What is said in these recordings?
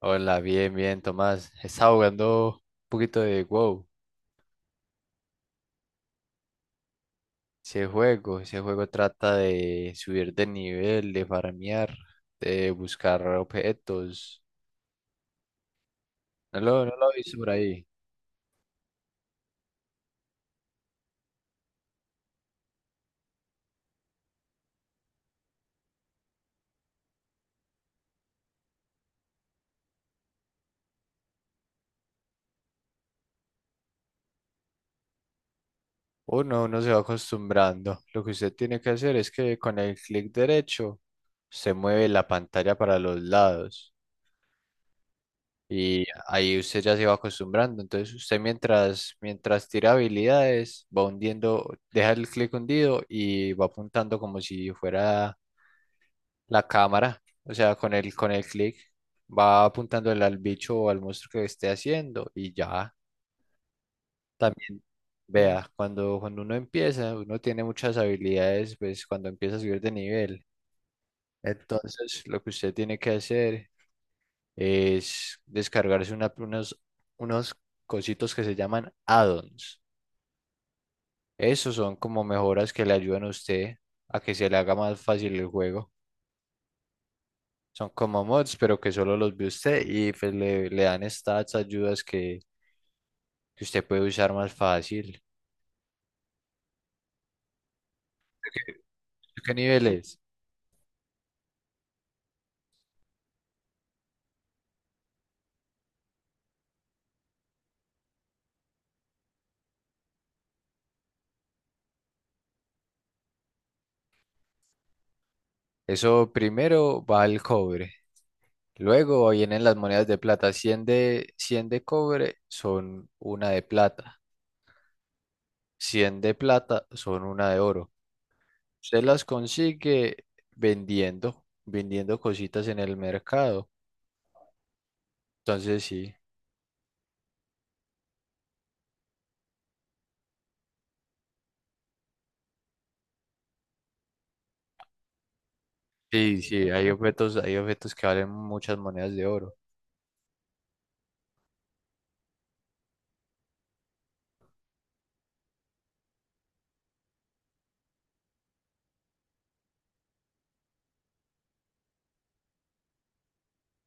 Hola, bien, bien, Tomás. Estaba jugando un poquito de WoW. Ese juego trata de subir de nivel, de farmear, de buscar objetos. No lo he visto por ahí. Uno se va acostumbrando. Lo que usted tiene que hacer es que con el clic derecho se mueve la pantalla para los lados. Y ahí usted ya se va acostumbrando. Entonces usted mientras tira habilidades, va hundiendo, deja el clic hundido y va apuntando como si fuera la cámara. O sea, con el clic va apuntando al bicho o al monstruo que esté haciendo y ya también. Vea, cuando uno empieza, uno tiene muchas habilidades, pues cuando empieza a subir de nivel. Entonces lo que usted tiene que hacer es descargarse unos cositos que se llaman add-ons. Esos son como mejoras que le ayudan a usted a que se le haga más fácil el juego. Son como mods, pero que solo los ve usted y pues le dan stats, ayudas que usted puede usar más fácil. ¿Qué niveles? Eso primero va al cobre. Luego vienen las monedas de plata. Cien de cobre son una de plata. 100 de plata son una de oro. Usted las consigue vendiendo cositas en el mercado. Entonces sí, sí, sí, hay objetos que valen muchas monedas de oro.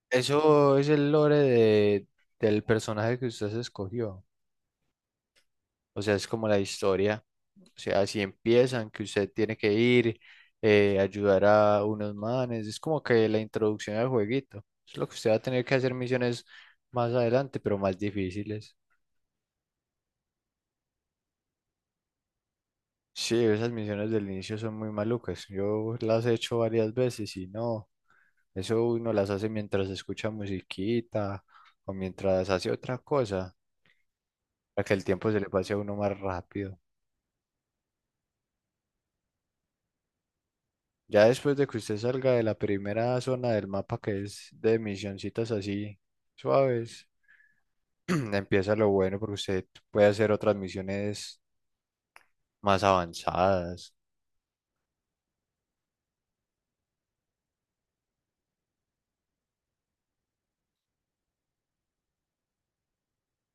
Eso es el lore del personaje que usted se escogió. O sea, es como la historia. O sea, así empiezan, que usted tiene que ir, ayudar a unos manes. Es como que la introducción al jueguito. Es lo que usted va a tener que hacer misiones más adelante, pero más difíciles. Sí, esas misiones del inicio son muy malucas. Yo las he hecho varias veces y no, eso uno las hace mientras escucha musiquita o mientras hace otra cosa, para que el tiempo se le pase a uno más rápido. Ya después de que usted salga de la primera zona del mapa, que es de misioncitas así suaves, empieza lo bueno porque usted puede hacer otras misiones más avanzadas.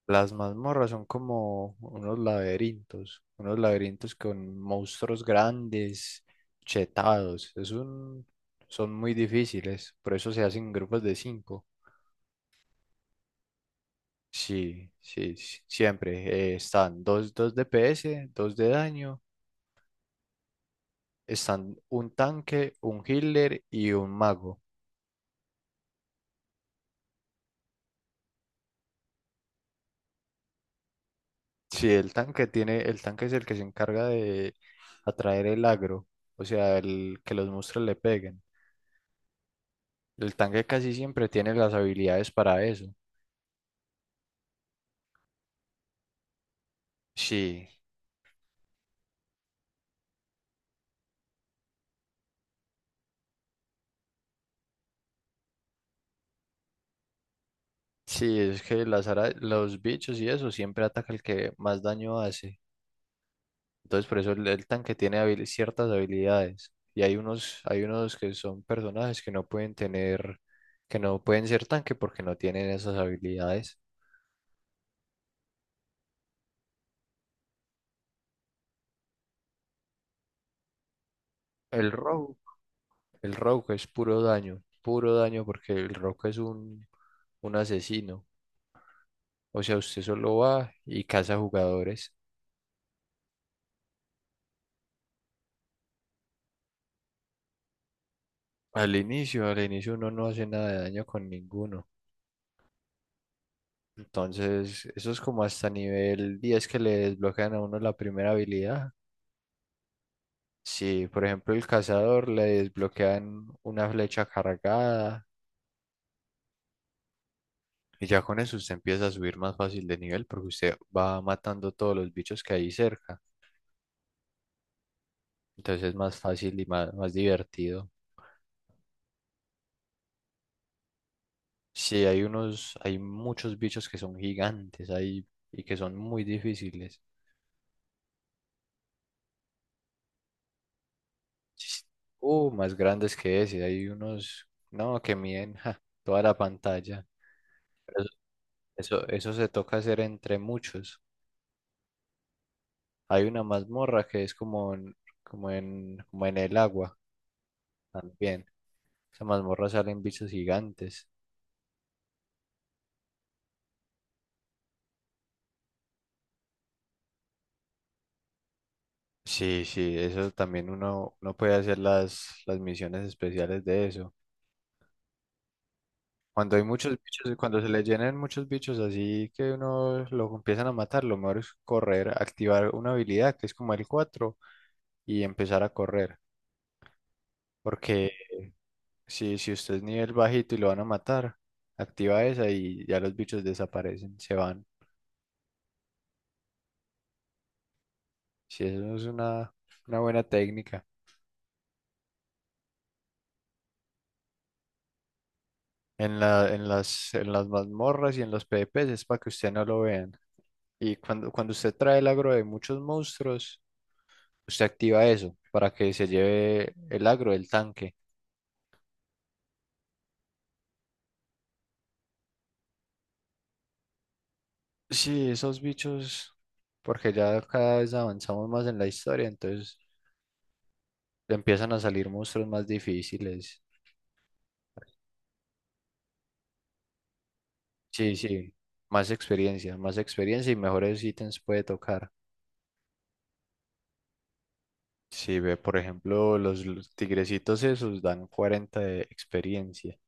Las mazmorras son como unos laberintos con monstruos grandes, chetados. Son muy difíciles, por eso se hacen grupos de cinco. Sí, sí, sí, siempre están dos DPS, dos de daño, están un tanque, un healer y un mago. Sí, el tanque es el que se encarga de atraer el agro, o sea, el que los monstruos le peguen. El tanque casi siempre tiene las habilidades para eso. Sí, sí, es que los bichos y eso siempre ataca el que más daño hace. Entonces, por eso el tanque tiene ciertas habilidades. Y hay unos que son personajes que no pueden ser tanque porque no tienen esas habilidades. El rogue, el rogue es puro daño porque el rogue es un asesino. O sea, usted solo va y caza jugadores. Al inicio uno no hace nada de daño con ninguno. Entonces, eso es como hasta nivel 10 que le desbloquean a uno la primera habilidad. Si, por ejemplo, el cazador le desbloquean una flecha cargada y ya con eso usted empieza a subir más fácil de nivel porque usted va matando todos los bichos que hay cerca. Entonces es más fácil y más, más divertido. Sí, hay muchos bichos que son gigantes ahí y que son muy difíciles. Más grandes que ese. Hay unos, no, que miden ja, toda la pantalla. Pero eso se toca hacer entre muchos. Hay una mazmorra que es como en el agua también. Esa mazmorra salen bichos gigantes. Sí, sí, eso también uno puede hacer las misiones especiales de eso. Cuando hay muchos bichos, cuando se le llenen muchos bichos así que uno lo empiezan a matar, lo mejor es correr, activar una habilidad que es como el 4 y empezar a correr. Porque si usted es nivel bajito y lo van a matar, activa esa y ya los bichos desaparecen, se van. Si eso es una buena técnica. En las mazmorras y en los PvPs es para que usted no lo vean. Y cuando usted trae el agro de muchos monstruos, usted activa eso para que se lleve el agro del tanque. Sí, esos bichos, porque ya cada vez avanzamos más en la historia, entonces empiezan a salir monstruos más difíciles. Sí, sí, más experiencia y mejores ítems puede tocar. Si ve, por ejemplo, los tigrecitos esos dan 40 de experiencia.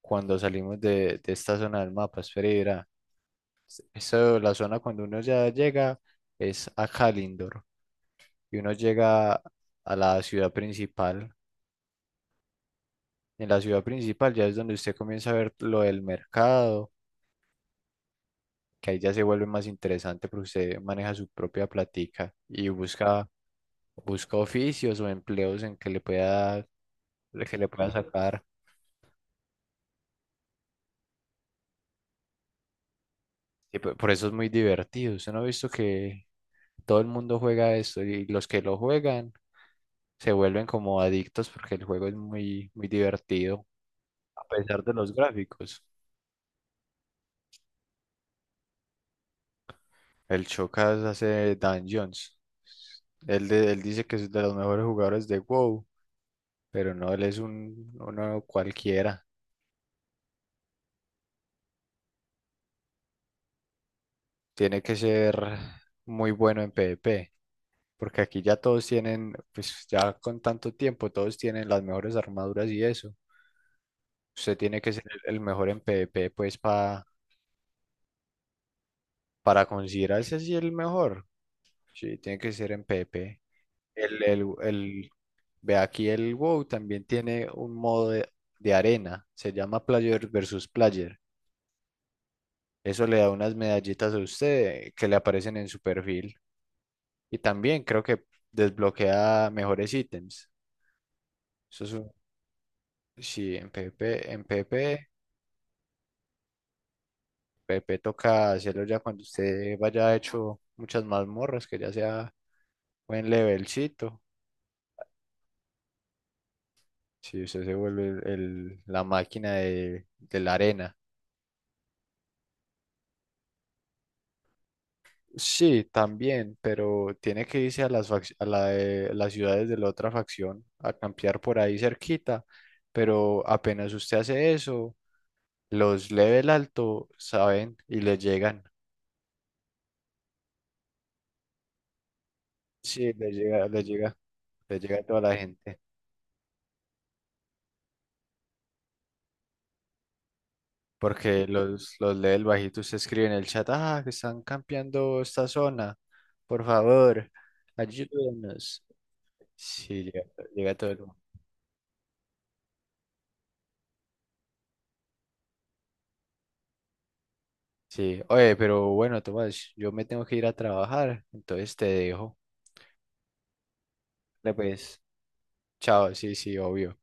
Cuando salimos de esta zona del mapa, espera y verá. Eso, la zona cuando uno ya llega es a Kalindor y uno llega a la ciudad principal. En la ciudad principal ya es donde usted comienza a ver lo del mercado, que ahí ya se vuelve más interesante porque usted maneja su propia platica y busca oficios o empleos en que le pueda sacar. Y por eso es muy divertido. Usted no ha visto que todo el mundo juega esto y los que lo juegan se vuelven como adictos porque el juego es muy, muy divertido, a pesar de los gráficos. El Chocas hace Dungeons. Él, él dice que es de los mejores jugadores de WoW, pero no, él es uno cualquiera. Tiene que ser muy bueno en PvP. Porque aquí ya todos tienen, pues ya con tanto tiempo, todos tienen las mejores armaduras y eso. Usted tiene que ser el mejor en PvP, pues para considerarse así el mejor. Sí, tiene que ser en PvP. El, el, el- Ve aquí el WoW también tiene un modo de arena, se llama Player versus Player. Eso le da unas medallitas a usted que le aparecen en su perfil. Y también creo que desbloquea mejores ítems. Eso es un, sí, en PvP, en PvP. Pepe toca hacerlo ya cuando usted vaya hecho muchas mazmorras, que ya sea buen levelcito. Si usted se vuelve la máquina de la arena. Sí, también, pero tiene que irse a las ciudades de la otra facción a campear por ahí cerquita. Pero apenas usted hace eso, los level alto saben y les llegan. Sí, les llega, les llega, les llega a toda la gente. Porque los lee el bajito, usted escribe en el chat, ah, que están campeando esta zona, por favor, ayúdenos. Sí, llega, llega todo el mundo. Sí, oye, pero bueno, Tomás, yo me tengo que ir a trabajar, entonces te dejo. Dale, pues, chao, sí, sí, obvio.